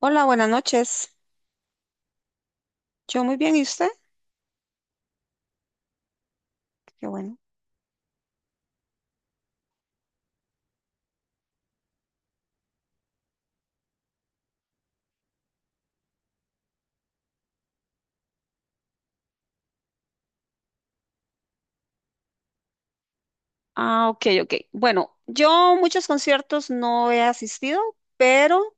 Hola, buenas noches. Yo muy bien, ¿y usted? Qué bueno. Ah, ok, ok. Bueno, yo muchos conciertos no he asistido, pero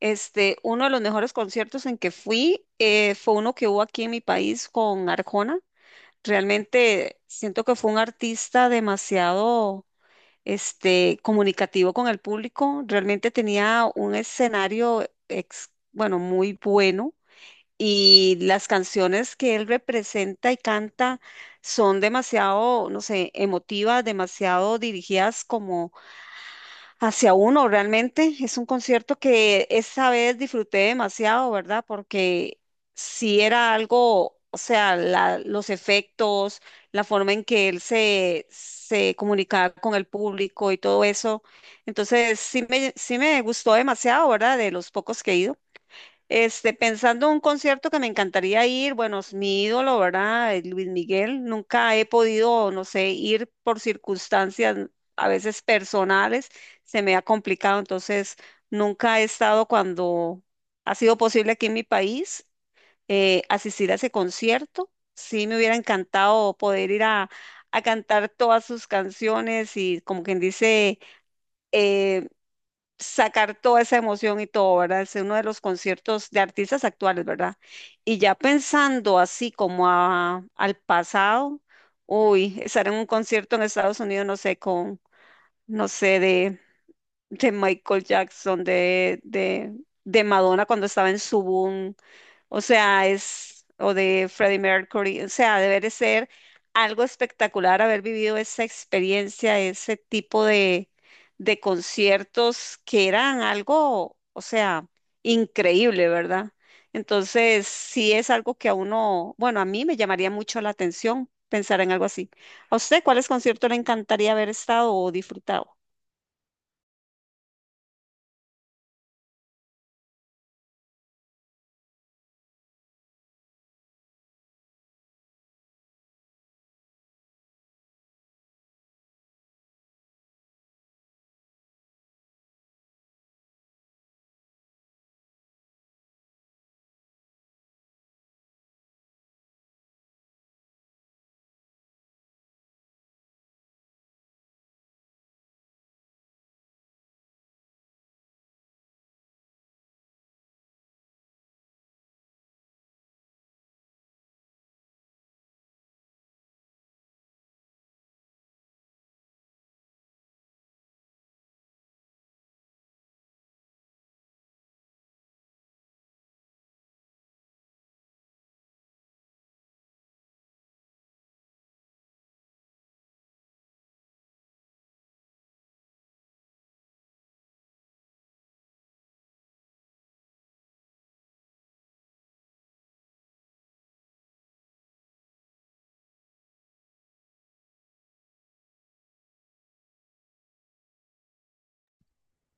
uno de los mejores conciertos en que fui fue uno que hubo aquí en mi país con Arjona. Realmente siento que fue un artista demasiado comunicativo con el público. Realmente tenía un escenario bueno, muy bueno. Y las canciones que él representa y canta son demasiado, no sé, emotivas, demasiado dirigidas como hacia uno realmente. Es un concierto que esa vez disfruté demasiado, ¿verdad? Porque sí era algo, o sea, los efectos, la forma en que él se comunicaba con el público y todo eso. Entonces, sí me gustó demasiado, ¿verdad? De los pocos que he ido. Este, pensando en un concierto que me encantaría ir, bueno, es mi ídolo, ¿verdad? Luis Miguel, nunca he podido, no sé, ir por circunstancias a veces personales, se me ha complicado, entonces nunca he estado cuando ha sido posible aquí en mi país asistir a ese concierto. Sí, me hubiera encantado poder ir a cantar todas sus canciones y como quien dice eh, sacar toda esa emoción y todo, ¿verdad? Es uno de los conciertos de artistas actuales, ¿verdad? Y ya pensando así como al pasado, uy, estar en un concierto en Estados Unidos, no sé, con, no sé, de Michael Jackson, de Madonna cuando estaba en su boom, o sea, es, o de Freddie Mercury, o sea, debe de ser algo espectacular haber vivido esa experiencia, ese tipo de conciertos que eran algo, o sea, increíble, ¿verdad? Entonces, sí es algo que a uno, bueno, a mí me llamaría mucho la atención pensar en algo así. ¿A usted cuáles conciertos le encantaría haber estado o disfrutado?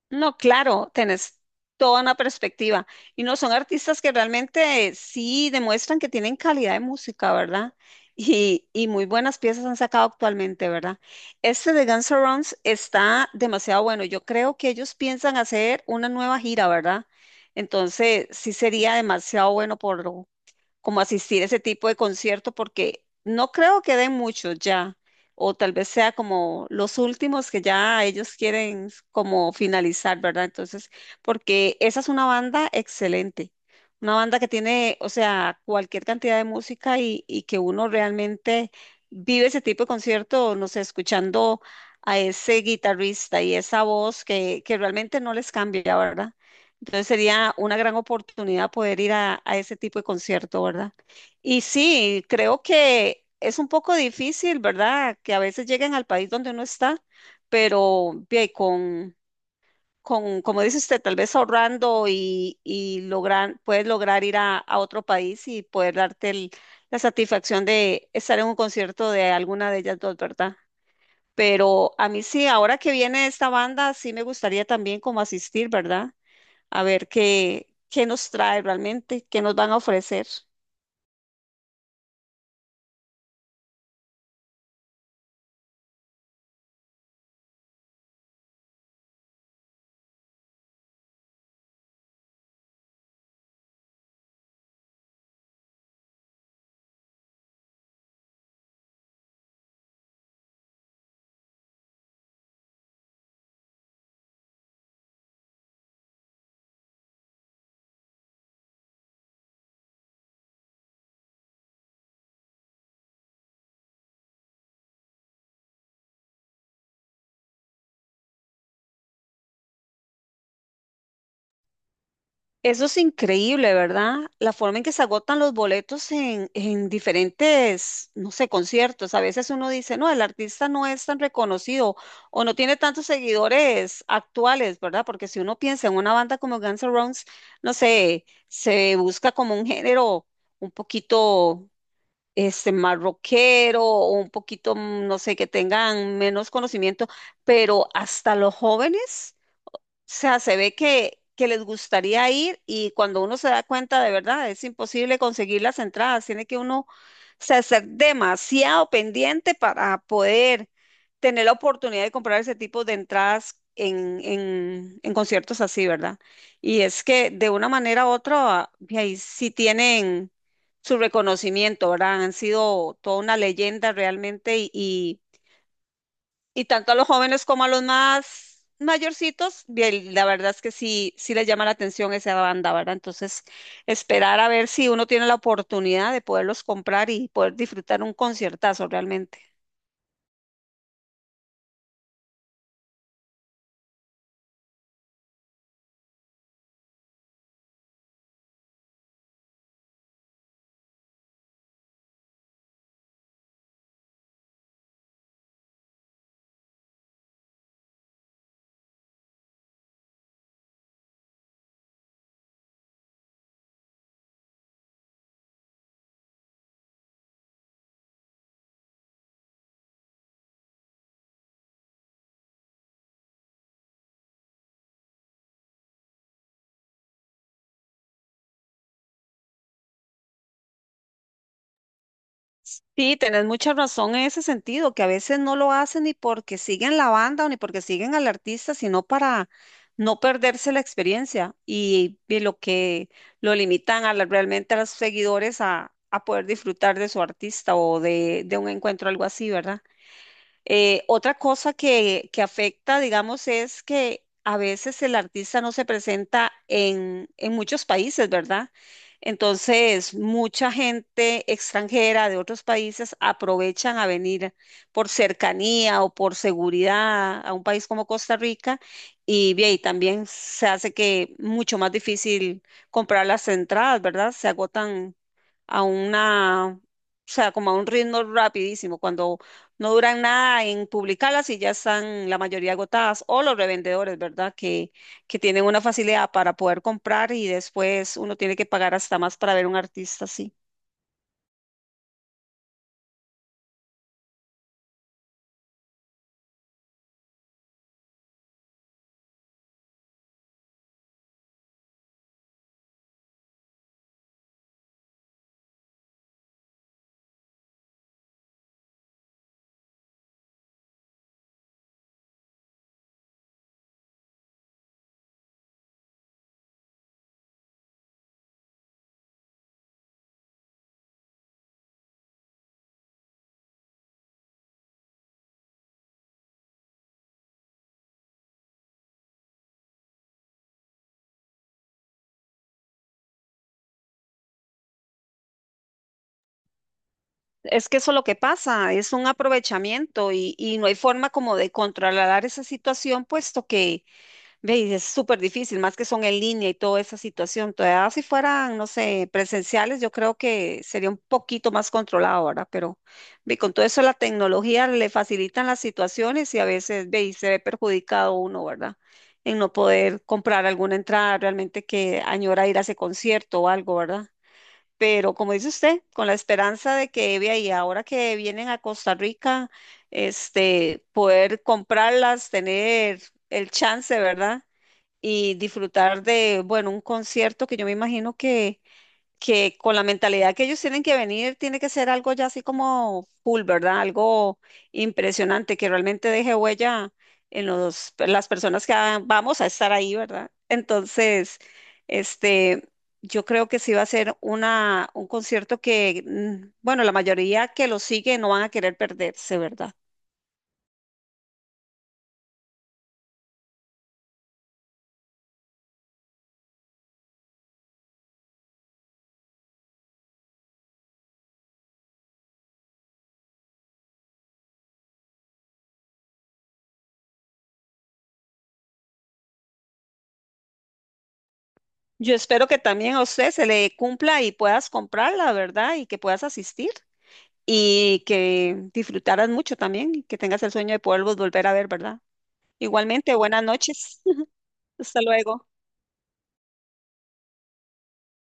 No, claro, tenés toda una perspectiva. Y no, son artistas que realmente sí demuestran que tienen calidad de música, ¿verdad? Y muy buenas piezas han sacado actualmente, ¿verdad? Este de Guns N' Roses está demasiado bueno. Yo creo que ellos piensan hacer una nueva gira, ¿verdad? Entonces, sí sería demasiado bueno por como asistir a ese tipo de concierto porque no creo que den muchos ya, o tal vez sea como los últimos que ya ellos quieren como finalizar, ¿verdad? Entonces, porque esa es una banda excelente, una banda que tiene, o sea, cualquier cantidad de música y que uno realmente vive ese tipo de concierto, no sé, escuchando a ese guitarrista y esa voz que realmente no les cambia, ¿verdad? Entonces sería una gran oportunidad poder ir a ese tipo de concierto, ¿verdad? Y sí, creo que es un poco difícil, ¿verdad? Que a veces lleguen al país donde uno está, pero bien, con, como dice usted, tal vez ahorrando y lograr, puedes lograr ir a otro país y poder darte la satisfacción de estar en un concierto de alguna de ellas dos, ¿verdad? Pero a mí sí, ahora que viene esta banda, sí me gustaría también como asistir, ¿verdad? A ver qué, qué nos trae realmente, qué nos van a ofrecer. Eso es increíble, ¿verdad? La forma en que se agotan los boletos en diferentes, no sé, conciertos. A veces uno dice, no, el artista no es tan reconocido o no tiene tantos seguidores actuales, ¿verdad? Porque si uno piensa en una banda como Guns N' Roses, no sé, se busca como un género un poquito este, más rockero o un poquito, mm, no sé, que tengan menos conocimiento, pero hasta los jóvenes sea, se ve que les gustaría ir y cuando uno se da cuenta de verdad es imposible conseguir las entradas, tiene que uno o sea, ser demasiado pendiente para poder tener la oportunidad de comprar ese tipo de entradas en, en conciertos así, ¿verdad? Y es que de una manera u otra, y ahí sí tienen su reconocimiento, ¿verdad? Han sido toda una leyenda realmente y y tanto a los jóvenes como a los más mayorcitos, bien, la verdad es que sí, sí les llama la atención esa banda, ¿verdad? Entonces, esperar a ver si uno tiene la oportunidad de poderlos comprar y poder disfrutar un conciertazo realmente. Sí, tenés mucha razón en ese sentido, que a veces no lo hacen ni porque siguen la banda o ni porque siguen al artista, sino para no perderse la experiencia y lo que lo limitan a realmente a los seguidores a poder disfrutar de su artista o de un encuentro, algo así, ¿verdad? Otra cosa que afecta, digamos, es que a veces el artista no se presenta en muchos países, ¿verdad? Entonces, mucha gente extranjera de otros países aprovechan a venir por cercanía o por seguridad a un país como Costa Rica y, bien, y también se hace que mucho más difícil comprar las entradas, ¿verdad? Se agotan a una, o sea, como a un ritmo rapidísimo, cuando no duran nada en publicarlas y ya están la mayoría agotadas, o los revendedores, ¿verdad? Que tienen una facilidad para poder comprar y después uno tiene que pagar hasta más para ver un artista así. Es que eso es lo que pasa, es un aprovechamiento y no hay forma como de controlar esa situación, puesto que ve, y es súper difícil, más que son en línea y toda esa situación. Todavía si fueran, no sé, presenciales, yo creo que sería un poquito más controlado, ¿verdad? Pero ve, con todo eso la tecnología le facilitan las situaciones y a veces ve, y se ve perjudicado uno, ¿verdad? En no poder comprar alguna entrada realmente que añora ir a ese concierto o algo, ¿verdad? Pero como dice usted, con la esperanza de que vea y ahora que vienen a Costa Rica, este, poder comprarlas, tener el chance, ¿verdad? Y disfrutar de, bueno, un concierto que yo me imagino que con la mentalidad que ellos tienen que venir, tiene que ser algo ya así como full, ¿verdad? Algo impresionante que realmente deje huella en los, en las personas que ah, vamos a estar ahí, ¿verdad? Entonces, este, yo creo que sí va a ser una, un concierto que, mm, bueno, la mayoría que lo sigue no van a querer perderse, ¿verdad? Yo espero que también a usted se le cumpla y puedas comprarla, ¿verdad? Y que puedas asistir. Y que disfrutaras mucho también y que tengas el sueño de poderlos volver a ver, ¿verdad? Igualmente, buenas noches. Hasta luego.